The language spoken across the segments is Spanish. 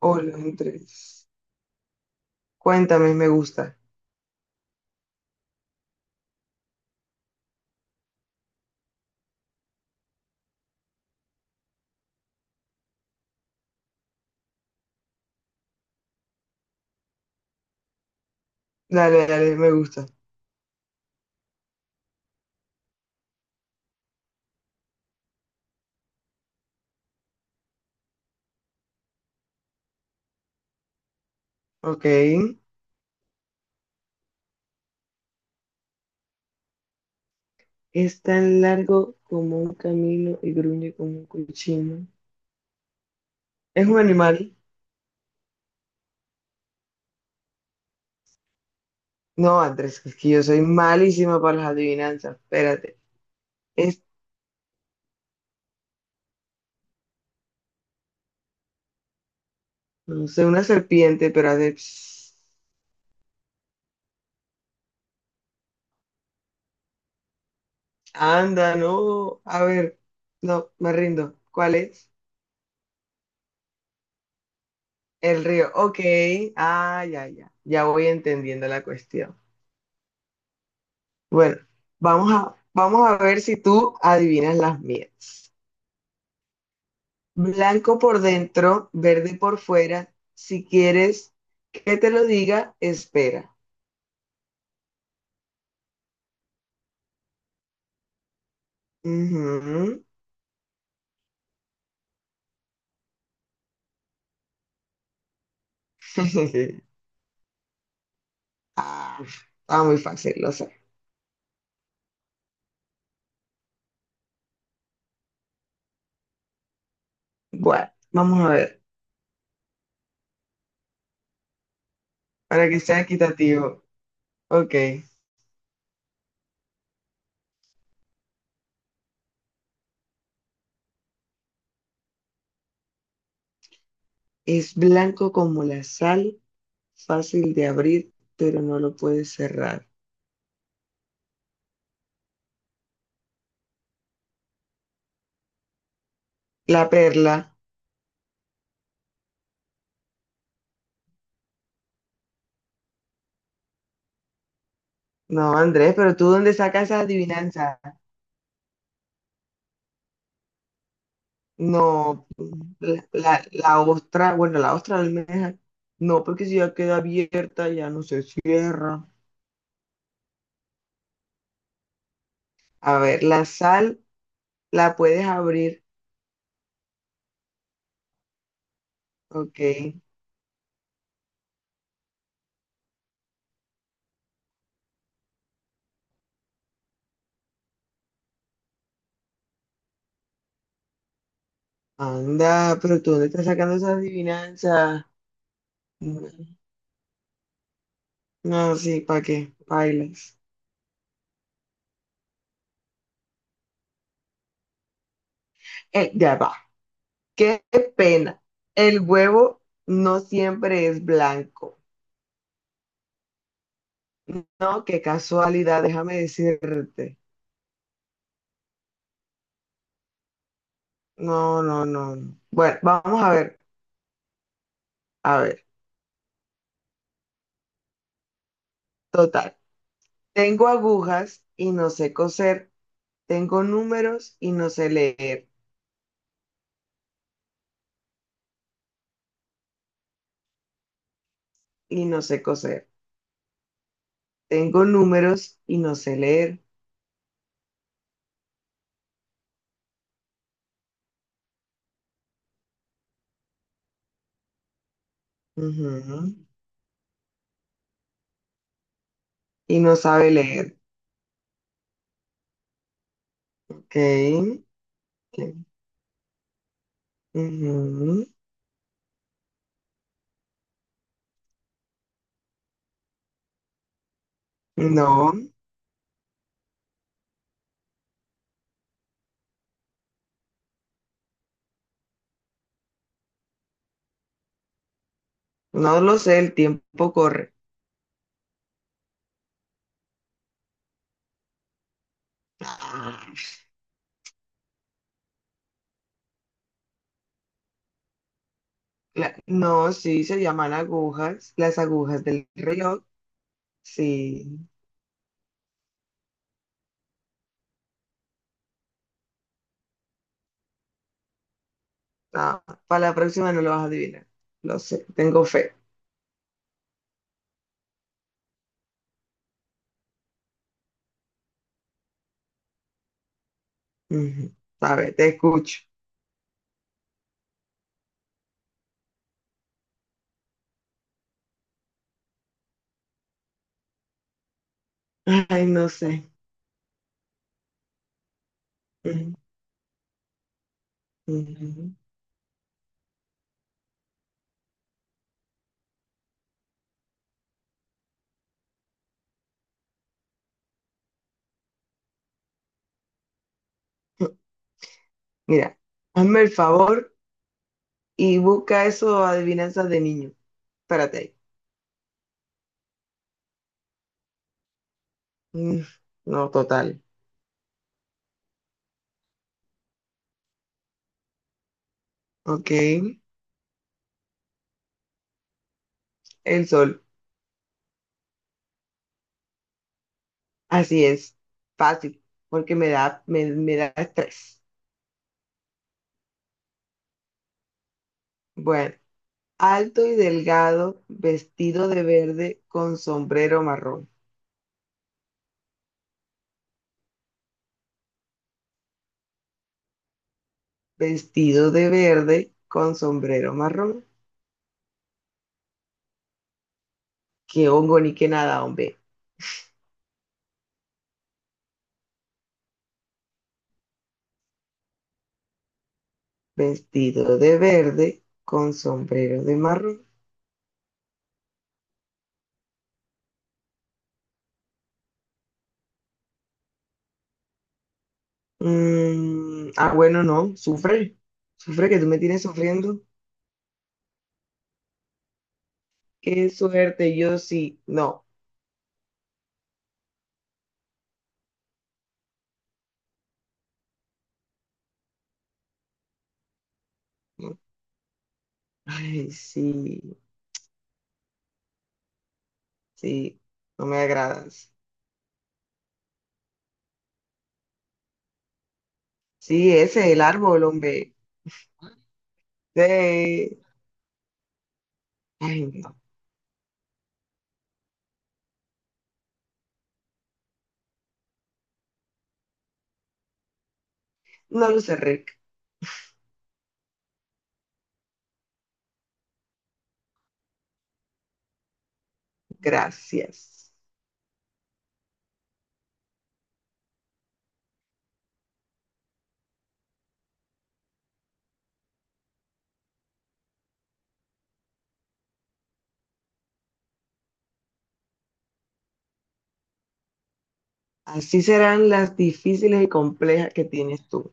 Hola, entre. Cuéntame, me gusta. Dale, dale, me gusta. Ok. Es tan largo como un camino y gruñe como un cochino. ¿Es un animal? No, Andrés, es que yo soy malísima para las adivinanzas. Espérate. Es, no sé, una serpiente, pero hace pss. Anda, no. A ver. No, me rindo. ¿Cuál es? El río. Ok. Ah, ya, ya. Ya voy entendiendo la cuestión. Bueno, vamos a ver si tú adivinas las mías. Blanco por dentro, verde por fuera. Si quieres que te lo diga, espera. Ujú. Ah, estaba muy fácil, lo sé. Bueno, vamos a ver, para que sea equitativo. Ok. Es blanco como la sal, fácil de abrir, pero no lo puedes cerrar. La perla. No, Andrés, pero ¿tú dónde sacas esa adivinanza? No, la ostra, bueno, la ostra de almeja, no, porque si ya queda abierta, ya no se cierra. A ver, la sal la puedes abrir, ok. Anda, pero tú dónde estás sacando esas adivinanzas. No, no, sí, ¿para qué? Bailas. Ya va. Qué pena. El huevo no siempre es blanco. No, qué casualidad, déjame decirte. No, no, no, no. Bueno, vamos a ver, total. Tengo agujas y no sé coser. Tengo números y no sé leer y no sé coser. Tengo números y no sé leer. Ujú. Y no sabe leer. Ok, ok. Ujú. No, no lo sé. El tiempo corre. La, no, sí, se llaman agujas. Las agujas del reloj. Sí. Ah, para la próxima no lo vas a adivinar. Lo sé. Tengo fe. Ujú. A ver, te escucho. Ay, no sé. Ujú, ujú. Mira, hazme el favor y busca eso, adivinanzas de niño. Espérate ahí. Mm, no, total. Ok, el sol. Así es, fácil, porque me da estrés. Bueno, alto y delgado, vestido de verde con sombrero marrón. Vestido de verde con sombrero marrón. Qué hongo ni qué nada, hombre. Vestido de verde con sombrero de marrón. Mm, ah, bueno, no, sufre, sufre que tú me tienes sufriendo. Qué suerte, yo sí, no. No. Ay, sí, sí, no me agradas. Sí, ese, es el árbol, hombre. Sí. Ay, no, no lo sé, Rick. Gracias. Así serán las difíciles y complejas que tienes tú.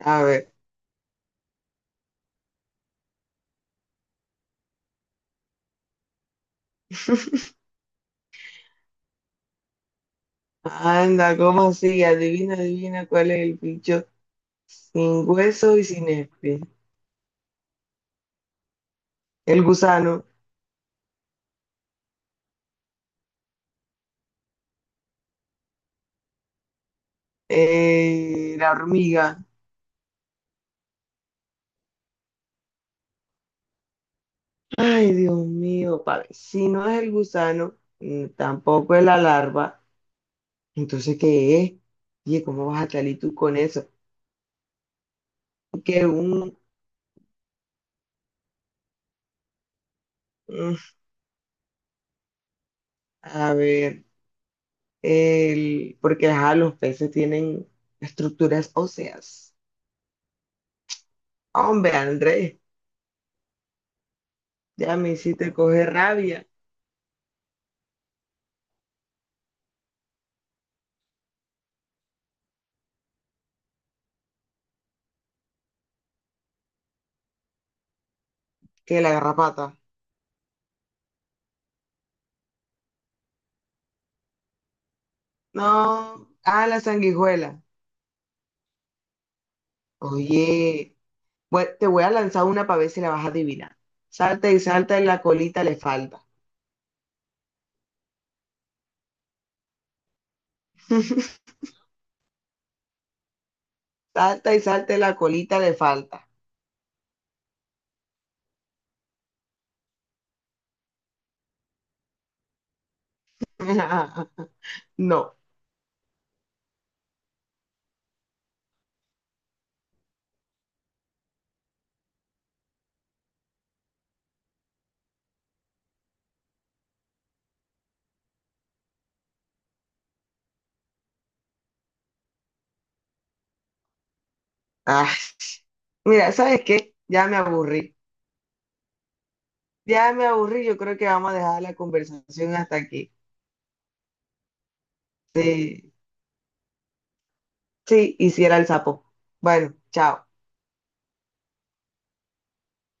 A ver, anda, ¿cómo así? Adivina, adivina cuál es el bicho sin hueso y sin espi. El gusano. La hormiga. Ay, Dios mío, padre. Si no es el gusano, mm, tampoco es la larva, entonces, ¿qué es? Oye, ¿cómo vas a salir tú con eso? Que un, mm, a ver, el, porque ajá, los peces tienen estructuras óseas. Hombre, Andrés, ya me hiciste coger rabia. Que la garrapata. No, ah, la sanguijuela. Oye. Bueno, te voy a lanzar una para ver si la vas a adivinar. Salta y salta y la colita le falta. Salta y salta y la colita le falta. No. Ay, mira, ¿sabes qué? Ya me aburrí. Ya me aburrí. Yo creo que vamos a dejar la conversación hasta aquí. Sí, sí, hiciera el sapo. Bueno, chao.